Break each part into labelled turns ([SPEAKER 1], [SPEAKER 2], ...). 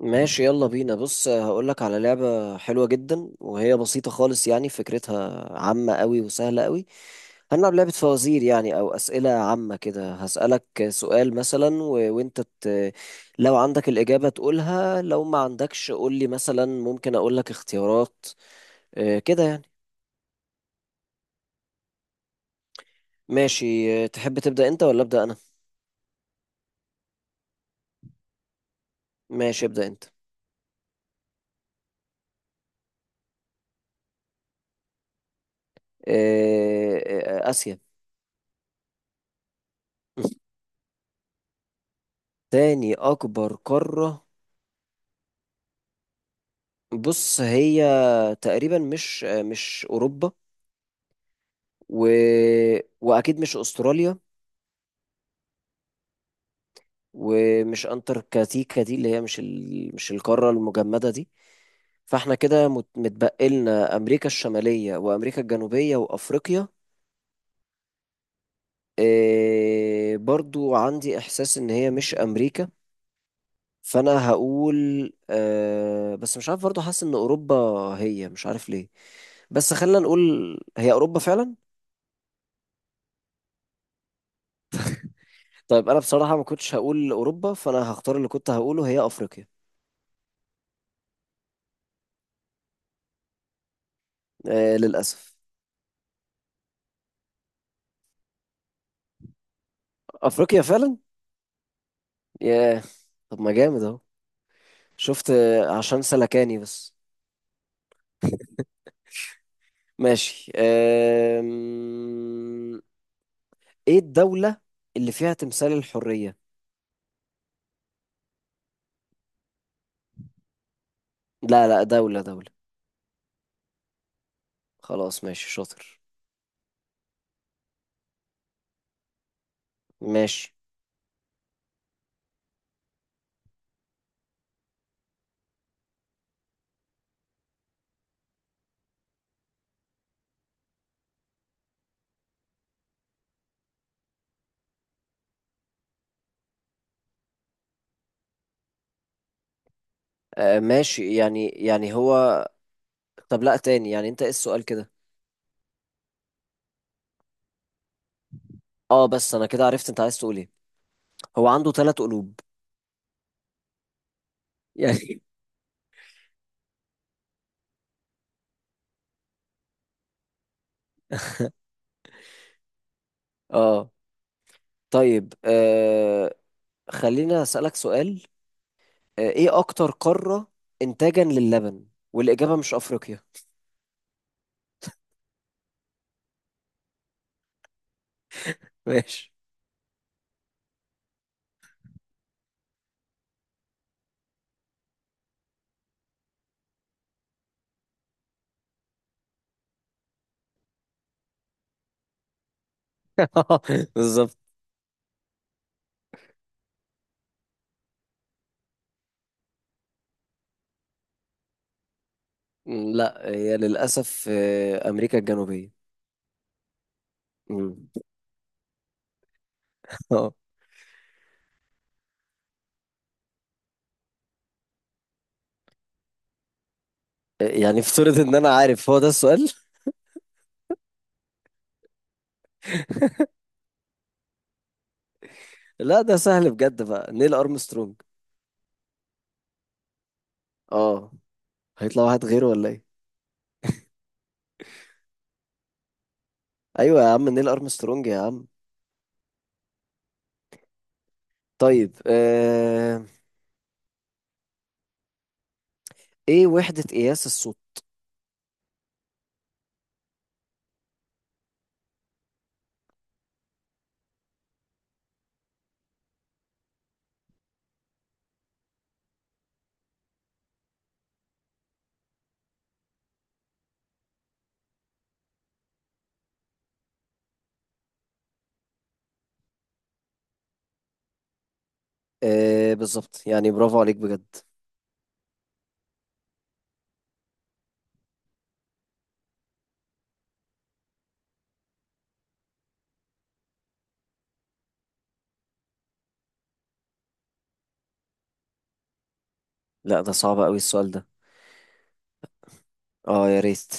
[SPEAKER 1] ماشي، يلا بينا. بص، هقولك على لعبة حلوة جدا وهي بسيطة خالص، يعني فكرتها عامة قوي وسهلة قوي. هنلعب لعبة فوازير يعني أو أسئلة عامة كده. هسألك سؤال مثلا وأنت لو عندك الإجابة تقولها، لو ما عندكش قولي مثلا، ممكن أقولك اختيارات، كده يعني. ماشي. تحب تبدأ أنت ولا أبدأ أنا؟ ماشي، ابدأ أنت. آسيا. تاني أكبر قارة. بص، هي تقريبا مش اوروبا. و... واكيد مش استراليا. ومش انتاركتيكا دي، اللي هي مش القاره المجمده دي. فاحنا كده متبقي لنا امريكا الشماليه وامريكا الجنوبيه وافريقيا. برضو عندي احساس ان هي مش امريكا، فانا هقول أه، بس مش عارف، برضو حاسس ان اوروبا. هي، مش عارف ليه، بس خلينا نقول هي اوروبا فعلا. طيب، انا بصراحة ما كنتش هقول اوروبا، فانا هختار اللي كنت هقوله، هي افريقيا. آه، للاسف. افريقيا فعلا. ياه. طب ما جامد اهو. شفت؟ عشان سلكاني بس. ماشي. ايه الدولة اللي فيها تمثال الحرية؟ لا، لا، دولة، دولة. خلاص، ماشي، شاطر. ماشي. آه، ماشي يعني هو... طب لا، تاني يعني، انت ايه السؤال كده؟ اه، بس انا كده عرفت انت عايز تقول ايه. هو عنده ثلاث قلوب. يعني... اه. طيب، خلينا أسألك سؤال. إيه أكتر قارة إنتاجا للبن؟ والإجابة مش أفريقيا. ماشي. بالظبط. لا، هي للأسف أمريكا الجنوبية. م. آه. يعني افترض إن أنا عارف. هو ده السؤال؟ لا، ده سهل بجد، بقى نيل أرمسترونج. اه، هيطلع واحد غيره ولا إيه؟ أيوة يا عم، نيل أرمسترونج يا عم. طيب، إيه وحدة قياس الصوت؟ آه بالظبط، يعني برافو عليك بجد. لا، ده صعب قوي السؤال ده. اه، يا ريت.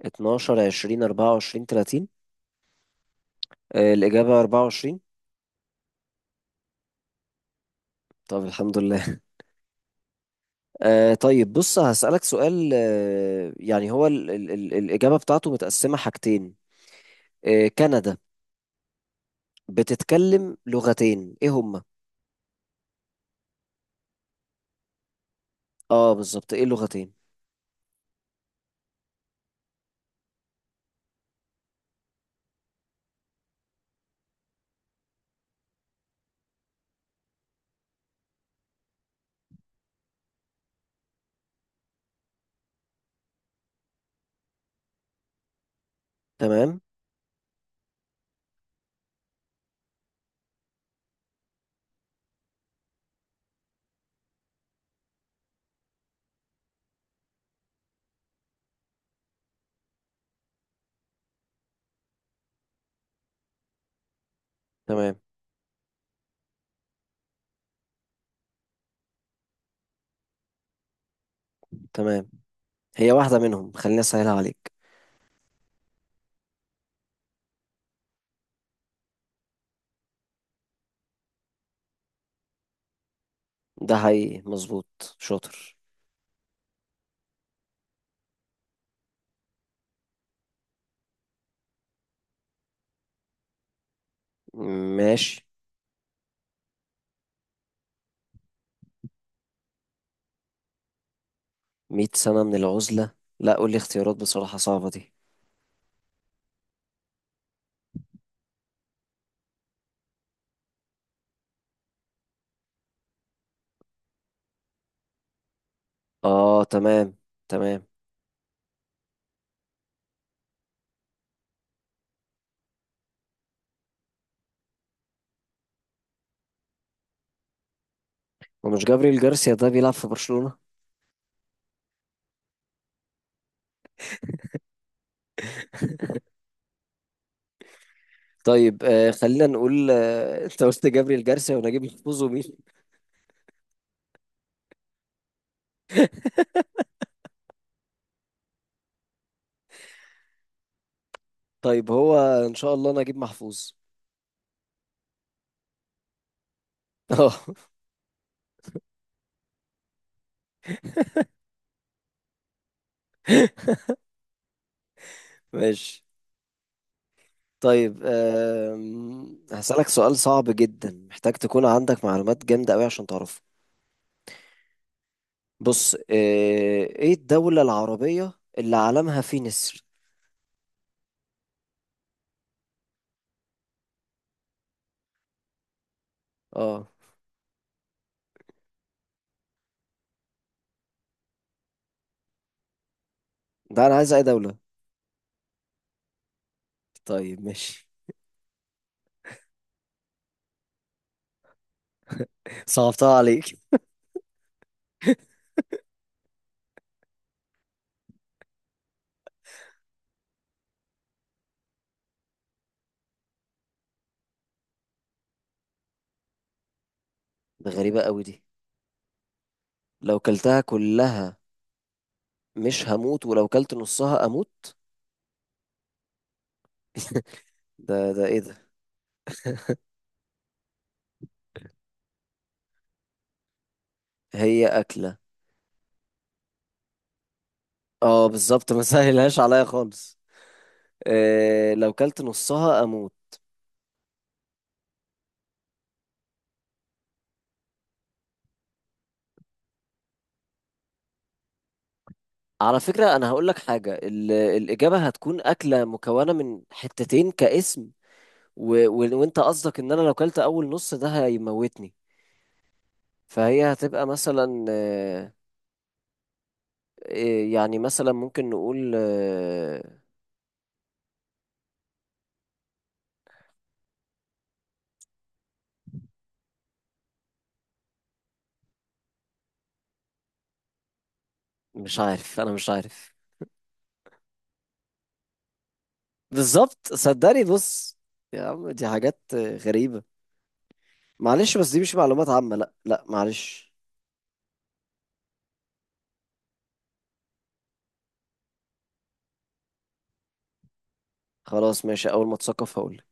[SPEAKER 1] 12، 20، 24، 30؟ آه، الإجابة 24. طب الحمد لله. آه طيب، بص، هسألك سؤال. يعني هو ال ال ال الإجابة بتاعته متقسمة حاجتين. كندا بتتكلم لغتين، ايه هما؟ اه بالظبط، ايه اللغتين؟ تمام، تمام، تمام، هي واحدة منهم، خليني أسهلها عليك. ده حقيقي، مظبوط، شاطر. ماشي. 100 سنة من العزلة. لا، قول لي اختيارات، بصراحة صعبة دي. اه، تمام، تمام. ما مش جابريل جارسيا، ده بيلعب في برشلونة. طيب، خلينا نقول، انت قلت جابريل جارسيا ونجيب محفوظ ومين؟ طيب، هو ان شاء الله نجيب محفوظ. اه، ماشي. طيب، هسألك سؤال صعب جدا، محتاج تكون عندك معلومات جامدة قوي عشان تعرفه. بص، ايه الدولة العربية اللي علمها فيه نسر؟ اه، ده انا عايز اي دولة. طيب، ماشي. صعبتها عليك. ده غريبة قوي دي. لو كلتها كلها مش هموت، ولو كلت نصها اموت. ده ايه ده؟ هي اكله؟ اه بالظبط، ما سهلهاش عليا خالص. إيه؟ لو كلت نصها اموت. على فكره، انا هقول لك حاجه، الاجابه هتكون اكله مكونه من حتتين كاسم. و و وانت قصدك ان انا لو كلت اول نص ده هيموتني؟ فهي هتبقى مثلا إيه يعني، مثلا ممكن نقول مش عارف، انا مش عارف. بالظبط، صدقني، بص. يا عم، دي حاجات غريبه. معلش، بس دي مش معلومات عامه، لا، لا، معلش. خلاص، ماشي، اول ما اتثقف هقول